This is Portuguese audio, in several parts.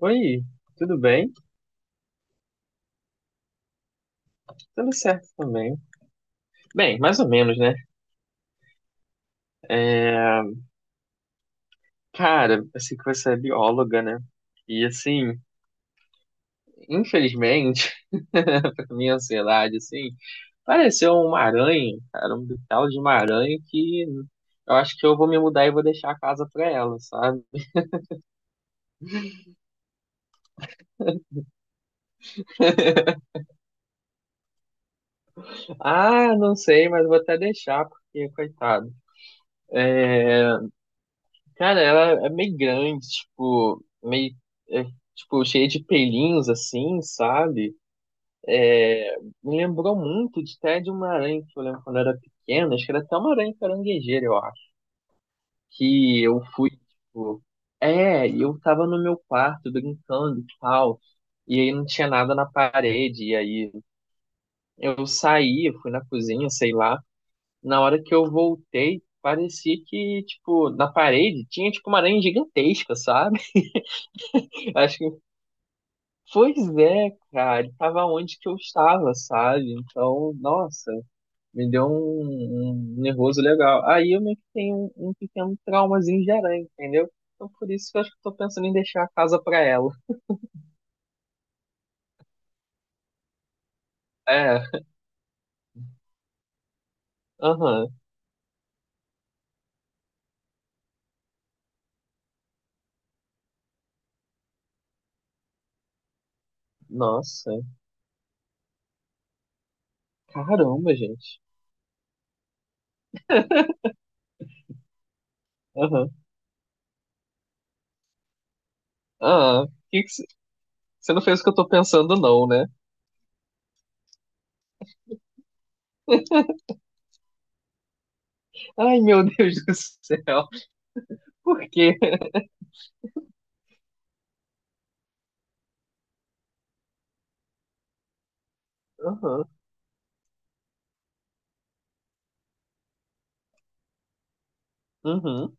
Oi, tudo bem? Tudo certo também. Bem, mais ou menos, né? É, Cara, eu sei que você é bióloga, né? E assim, infelizmente, pra minha ansiedade, assim, pareceu uma aranha, cara, um tal de uma aranha que eu acho que eu vou me mudar e vou deixar a casa pra ela, sabe? Ah, não sei, mas vou até deixar, porque, coitado. Cara, ela é meio grande, tipo, meio, é, tipo, cheia de pelinhos, assim, sabe? É, Me lembrou muito de até de uma aranha que eu lembro quando eu era pequeno, acho que era até uma aranha caranguejeira, eu acho. Que eu fui, tipo. É, e eu tava no meu quarto brincando e tal. E aí não tinha nada na parede. E aí eu saí, eu fui na cozinha, sei lá. Na hora que eu voltei, parecia que, tipo, na parede tinha, tipo, uma aranha gigantesca, sabe? Acho que. Pois é, cara, ele tava onde que eu estava, sabe? Então, nossa. Me deu um nervoso legal. Aí eu meio que tenho um pequeno traumazinho gerante, entendeu? Então por isso que eu acho que eu tô pensando em deixar a casa pra ela. É, aham. Nossa. Caramba, gente. Aham. Ah, que que cê- você não fez o que eu tô pensando, não, né? Ai, meu Deus do céu. Por quê? Aham. Uhum.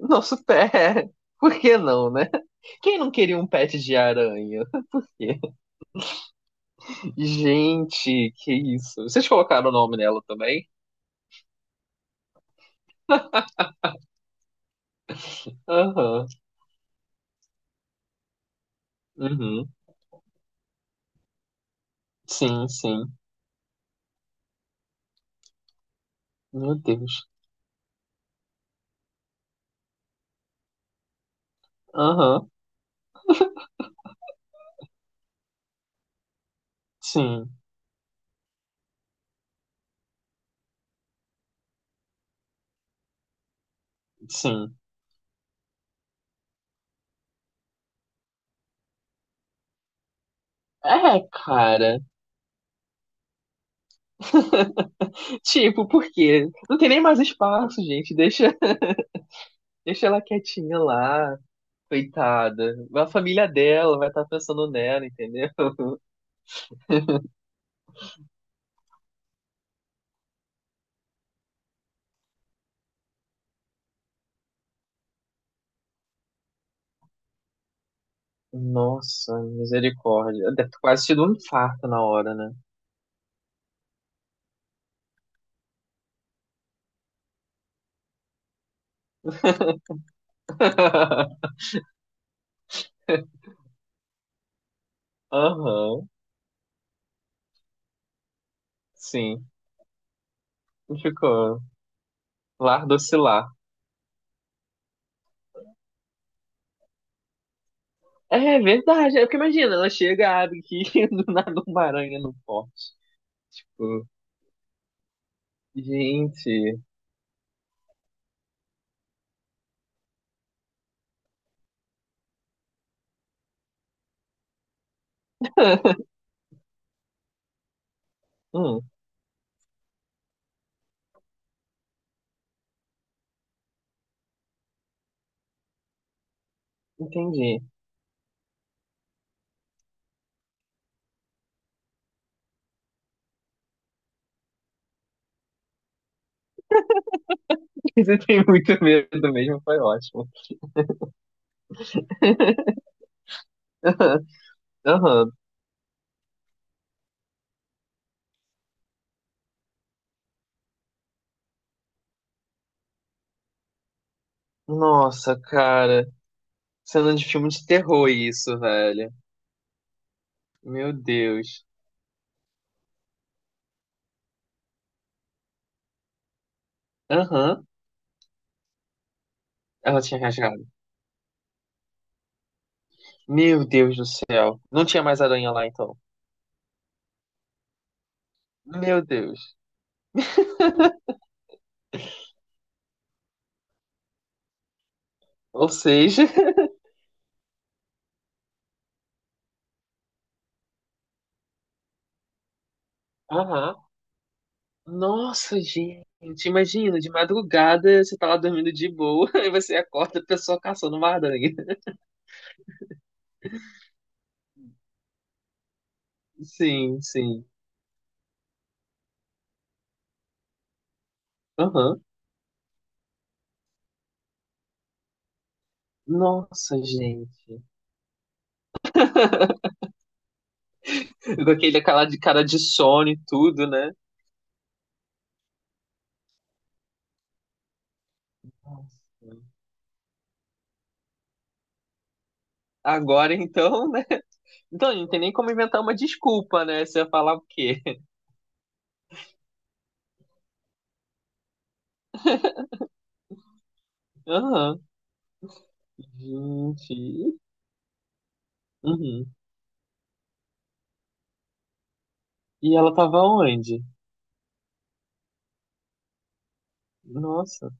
Nosso pé. Por que não, né? Quem não queria um pet de aranha? Gente, que isso. Vocês colocaram o nome nela também? Aham. Uhum. Sim, sim. Meu Deus. Aham. Sim, sim. É, cara. Tipo, por quê? Não tem nem mais espaço, gente. Deixa, deixa ela quietinha lá, coitada. A família dela vai estar pensando nela, entendeu? Nossa, misericórdia. Deve ter quase tido um infarto na hora, né? Aham, sim. Ficou. Lar docilar. É verdade. É porque imagina, ela chega, abre aqui do nada uma aranha no pote. Tipo, gente. Hum, entendi. Você tem muito medo mesmo, foi ótimo. Aham. Nossa, cara. Cena de filme de terror isso, velho. Meu Deus. Aham. Ela tinha rasgado. Meu Deus do céu. Não tinha mais aranha lá, então. Meu Deus. Ou seja. Aham. Nossa, gente. Imagina, de madrugada você tá lá dormindo de boa, e você acorda a pessoa caçando uma aranha. Sim, sim. Aham. Nossa, gente. Com aquele aquela de cara de sono e tudo, né? Nossa. Agora então, né? Então, não tem nem como inventar uma desculpa, né? Você ia falar o quê? Aham. Gente. Uhum. E ela tava onde? Nossa.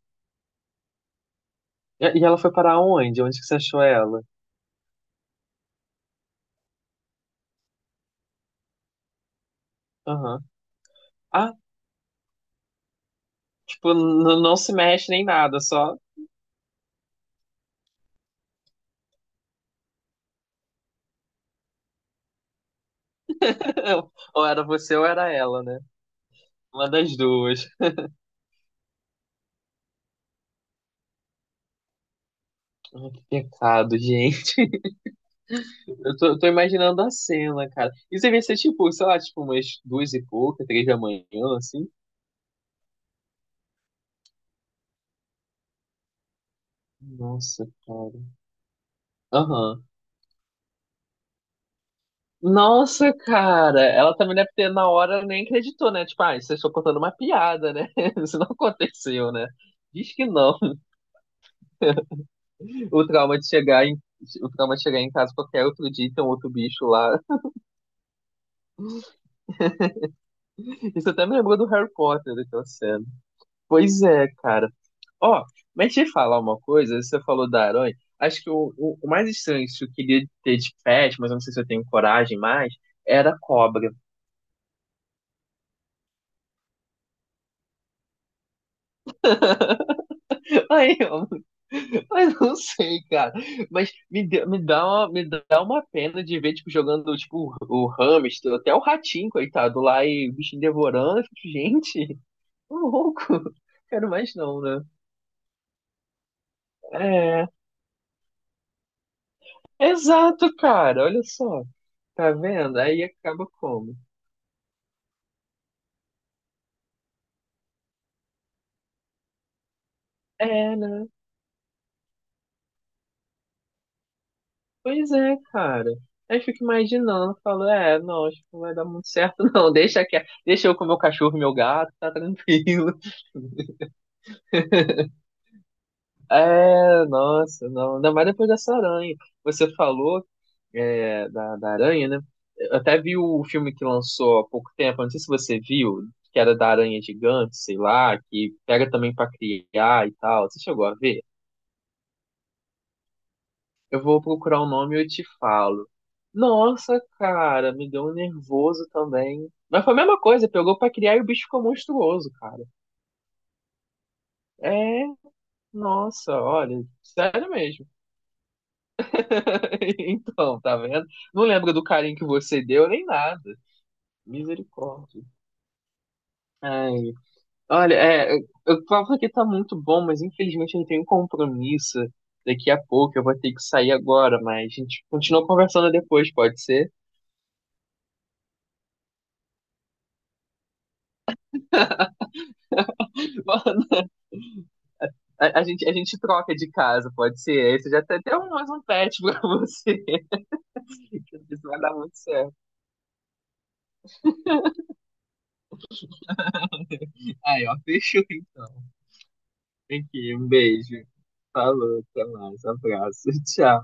E ela foi parar onde? Onde que você achou ela? Aham. Ah, tipo, não se mexe nem nada, só ou era você ou era ela, né? Uma das duas. Ai, que pecado, gente. Tô imaginando a cena, cara. Isso devia ser tipo, sei lá, tipo umas duas e pouca, três da manhã, assim. Nossa, cara. Aham. Nossa, cara. Ela também deve ter, na hora, nem acreditou, né? Tipo, ah, vocês estão contando uma piada, né? Isso não aconteceu, né? Diz que não. O trauma de chegar em, o trauma de chegar em casa qualquer outro dia e ter um outro bicho lá. Isso até me lembrou do Harry Potter, daquela cena. Pois é, cara. Ó, mas deixa eu falar uma coisa, você falou da aranha. Acho que o mais estranho que eu queria ter de pet, mas eu não sei se eu tenho coragem mais, era a cobra. Ai, eu, mas não sei, cara. Mas dá uma, me dá uma pena de ver, tipo, jogando, tipo, o hamster, até o ratinho, coitado, lá e o bichinho devorando. Eu fico, gente, tô louco. Quero mais não, né? É, exato, cara. Olha só. Tá vendo? Aí acaba como? É, né? Pois é, cara. Aí fico imaginando, falo, é, não, acho que não vai dar muito certo, não. Deixa eu com meu cachorro, e meu gato, tá tranquilo. É, nossa, não. Ainda mais depois dessa aranha. Você falou, é, da aranha, né? Eu até vi o filme que lançou há pouco tempo, não sei se você viu, que era da aranha gigante, sei lá, que pega também pra criar e tal. Você chegou a ver? Eu vou procurar o nome e eu te falo. Nossa, cara, me deu um nervoso também. Mas foi a mesma coisa, pegou pra criar e o bicho ficou monstruoso, cara. É, nossa, olha, sério mesmo. Então, tá vendo? Não lembro do carinho que você deu nem nada. Misericórdia. Ai, olha, é, o papo aqui tá muito bom, mas infelizmente eu tenho um compromisso daqui a pouco. Eu vou ter que sair agora, mas a gente continua conversando depois, pode ser? A gente troca de casa, pode ser. Aí você já tem até um, mais um pet pra você. Isso vai dar muito certo. Aí, ó, fechou então. Aqui, um beijo. Falou, até mais. Um abraço. Tchau.